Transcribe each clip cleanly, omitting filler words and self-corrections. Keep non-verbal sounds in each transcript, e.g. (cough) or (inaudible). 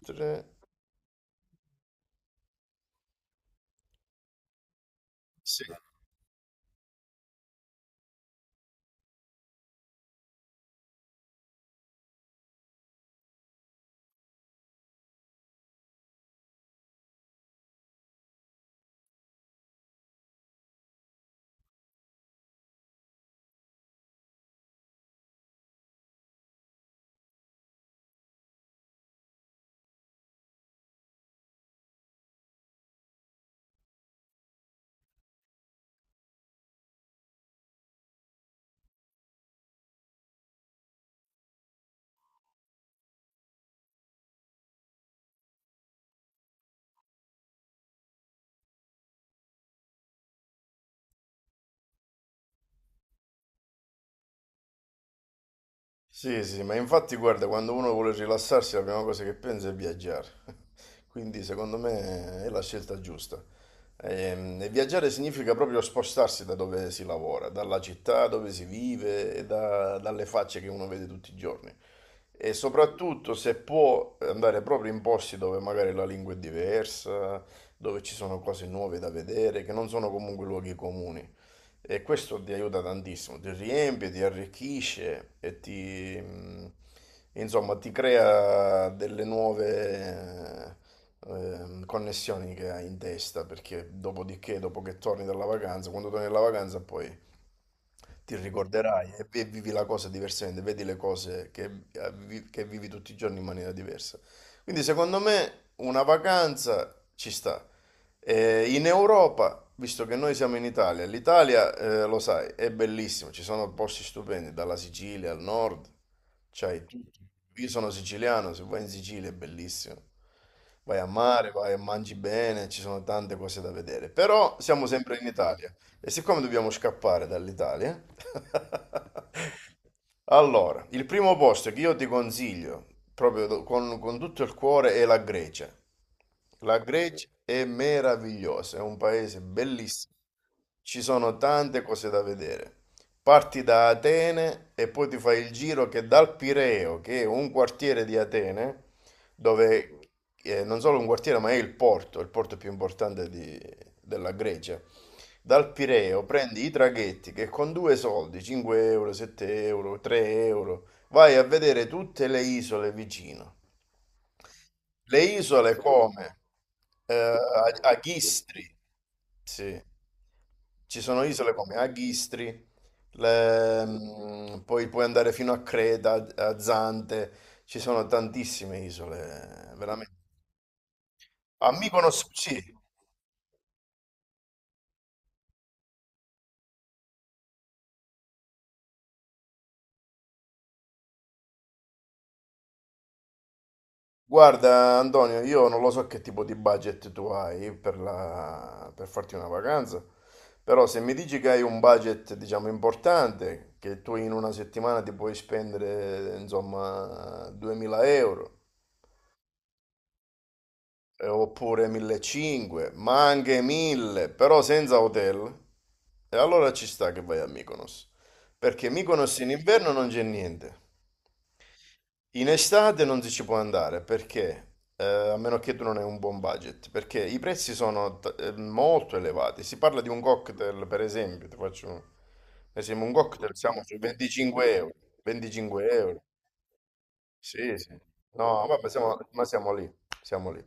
Tre. Sì. Sì, sì, ma infatti guarda, quando uno vuole rilassarsi la prima cosa che pensa è viaggiare. (laughs) Quindi secondo me è la scelta giusta. Viaggiare significa proprio spostarsi da dove si lavora, dalla città dove si vive e dalle facce che uno vede tutti i giorni. E soprattutto se può andare proprio in posti dove magari la lingua è diversa, dove ci sono cose nuove da vedere, che non sono comunque luoghi comuni. E questo ti aiuta tantissimo, ti riempie, ti arricchisce e ti, insomma, ti crea delle nuove connessioni che hai in testa, perché dopodiché, dopo che torni dalla vacanza, quando torni dalla vacanza poi ti ricorderai e vivi la cosa diversamente, vedi le cose che, che vivi tutti i giorni in maniera diversa. Quindi secondo me una vacanza ci sta. In Europa, visto che noi siamo in Italia, l'Italia, lo sai, è bellissima, ci sono posti stupendi, dalla Sicilia al nord, c'hai tutto. Io sono siciliano, se vai in Sicilia è bellissimo. Vai a mare, vai e mangi bene, ci sono tante cose da vedere. Però siamo sempre in Italia. E siccome dobbiamo scappare dall'Italia, (laughs) allora, il primo posto che io ti consiglio, proprio con tutto il cuore, è la Grecia. La Grecia è meravigliosa, è un paese bellissimo. Ci sono tante cose da vedere. Parti da Atene e poi ti fai il giro che dal Pireo, che è un quartiere di Atene, dove non solo un quartiere, ma è il porto più importante della Grecia. Dal Pireo prendi i traghetti che con due soldi, 5 euro, 7 euro, 3 euro, vai a vedere tutte le isole vicino. Le isole come Agistri, sì. Ci sono isole come Agistri, poi puoi andare fino a Creta, a Zante, ci sono tantissime isole, veramente. A Mykonos, sì. Guarda, Antonio, io non lo so che tipo di budget tu hai per, per farti una vacanza, però se mi dici che hai un budget, diciamo, importante, che tu in una settimana ti puoi spendere, insomma, 2000 euro, oppure 1500, ma anche 1000, però senza hotel, e allora ci sta che vai a Mykonos, perché Mykonos in inverno non c'è niente. In estate non si ci può andare perché, a meno che tu non hai un buon budget, perché i prezzi sono molto elevati. Si parla di un cocktail, per esempio, ti faccio un esempio, un cocktail siamo sui 25 euro. 25 euro. Sì, sì. No, vabbè, siamo, ma siamo lì, siamo lì.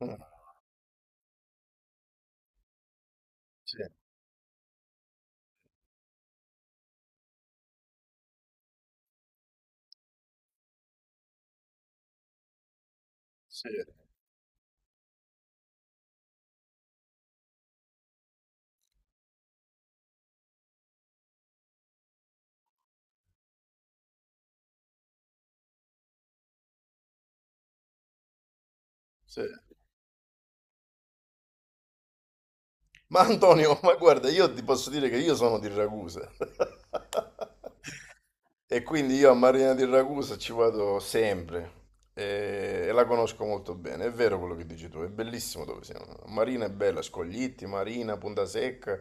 Mm. Sì, sì, sì. Ma Antonio, ma guarda, io ti posso dire che io sono di Ragusa. (laughs) E quindi io a Marina di Ragusa ci vado sempre e la conosco molto bene. È vero quello che dici tu, è bellissimo dove siamo. Marina è bella, Scoglitti, Marina, Punta Secca,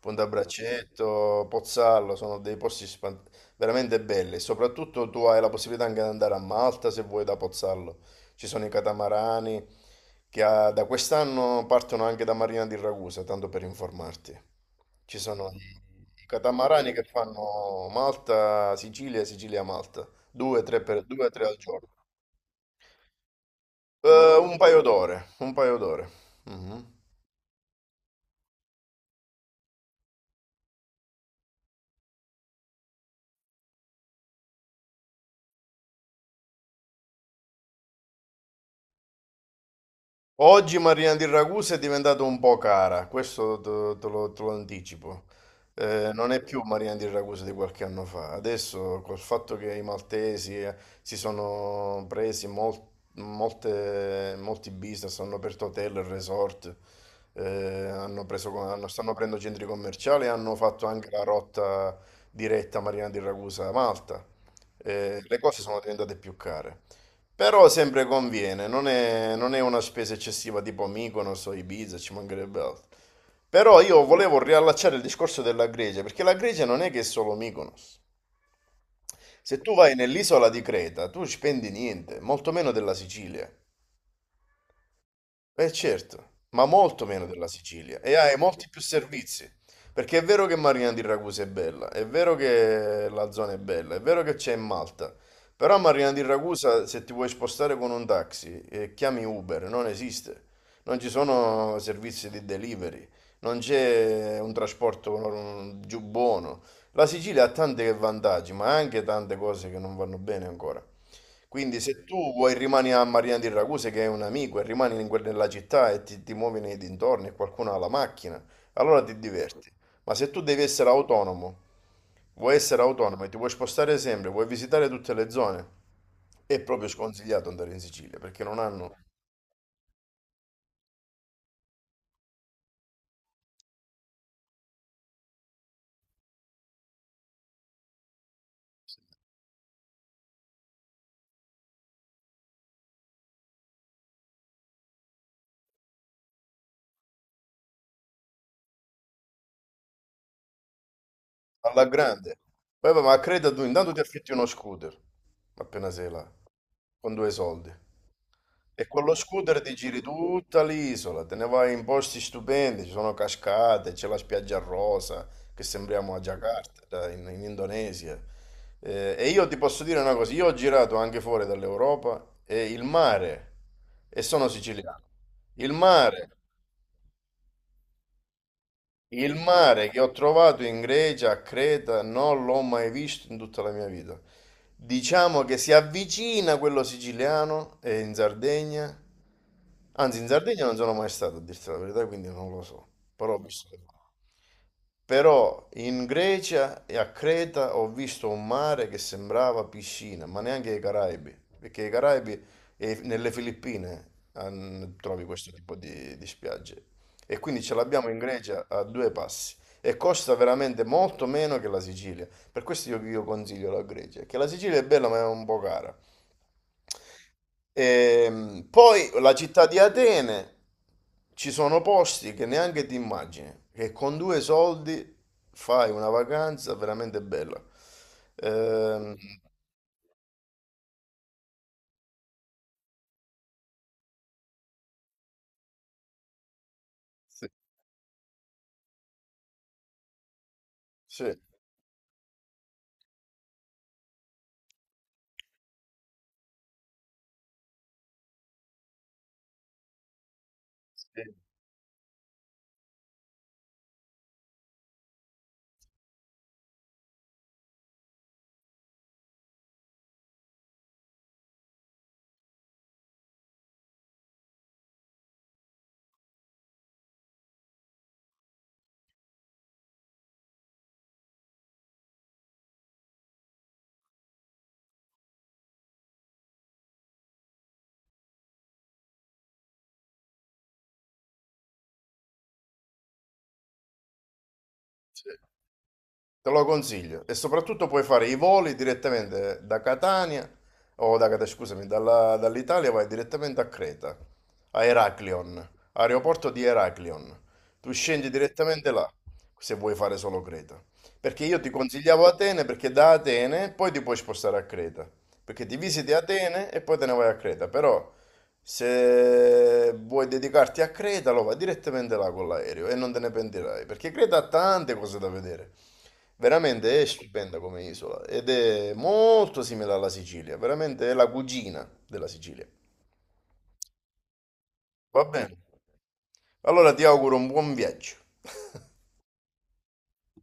Punta Braccetto, Pozzallo, sono dei posti veramente belli. Soprattutto tu hai la possibilità anche di andare a Malta se vuoi da Pozzallo. Ci sono i catamarani che da quest'anno partono anche da Marina di Ragusa, tanto per informarti. Ci sono i, i catamarani che fanno Malta, Sicilia, Sicilia, Malta, due, tre, per, due, tre al giorno. Un paio d'ore, un paio d'ore. Mhm. Oggi Marina di Ragusa è diventata un po' cara, questo te, te lo anticipo. Non è più Marina di Ragusa di qualche anno fa. Adesso, col fatto che i maltesi si sono presi molti business, hanno aperto hotel, resort, eh, hanno preso, stanno aprendo centri commerciali e hanno fatto anche la rotta diretta Marina di Ragusa-Malta. Le cose sono diventate più care. Però sempre conviene, non è una spesa eccessiva tipo Mykonos o Ibiza, ci mancherebbe altro. Però io volevo riallacciare il discorso della Grecia, perché la Grecia non è che è solo Mykonos. Se tu vai nell'isola di Creta, tu spendi niente, molto meno della Sicilia. Eh certo, ma molto meno della Sicilia e hai molti più servizi, perché è vero che Marina di Ragusa è bella, è vero che la zona è bella, è vero che c'è in Malta, però a Marina di Ragusa se ti vuoi spostare con un taxi e chiami Uber, non esiste, non ci sono servizi di delivery, non c'è un trasporto giù buono. La Sicilia ha tanti vantaggi, ma anche tante cose che non vanno bene ancora. Quindi se tu vuoi rimani a Marina di Raguse che è un amico e rimani in nella città e ti muovi nei dintorni e qualcuno ha la macchina, allora ti diverti. Ma se tu devi essere autonomo, vuoi essere autonomo e ti vuoi spostare sempre, vuoi visitare tutte le zone, è proprio sconsigliato andare in Sicilia perché non hanno alla grande. Poi, vabbè, ma credo tu, intanto ti affitti uno scooter, appena sei là, con due soldi. E con lo scooter ti giri tutta l'isola, te ne vai in posti stupendi, ci sono cascate, c'è la spiaggia rosa, che sembriamo a Jakarta, in, in Indonesia. E io ti posso dire una cosa, io ho girato anche fuori dall'Europa e il mare, e sono siciliano, il mare il mare che ho trovato in Grecia, a Creta, non l'ho mai visto in tutta la mia vita. Diciamo che si avvicina a quello siciliano e in Sardegna. Anzi, in Sardegna non sono mai stato, a dirti la verità, quindi non lo so. Però ho visto, che però in Grecia e a Creta ho visto un mare che sembrava piscina, ma neanche i Caraibi, perché i Caraibi e nelle Filippine trovi questo tipo di spiagge. E quindi ce l'abbiamo in Grecia a due passi. E costa veramente molto meno che la Sicilia. Per questo io consiglio la Grecia, che la Sicilia è bella ma è un po' cara. Poi la città di Atene, ci sono posti che neanche ti immagini, che con due soldi fai una vacanza veramente bella. Ehm, sì, sì. Te lo consiglio e soprattutto puoi fare i voli direttamente da Catania, o da Catania, scusami, dall'Italia vai direttamente a Creta, a Heraklion, aeroporto di Heraklion. Tu scendi direttamente là se vuoi fare solo Creta. Perché io ti consigliavo Atene perché da Atene poi ti puoi spostare a Creta. Perché ti visiti Atene e poi te ne vai a Creta, però se vuoi dedicarti a Creta lo vai direttamente là con l'aereo e non te ne pentirai, perché Creta ha tante cose da vedere. Veramente è stupenda come isola ed è molto simile alla Sicilia, veramente è la cugina della Sicilia. Va bene. Allora ti auguro un buon viaggio.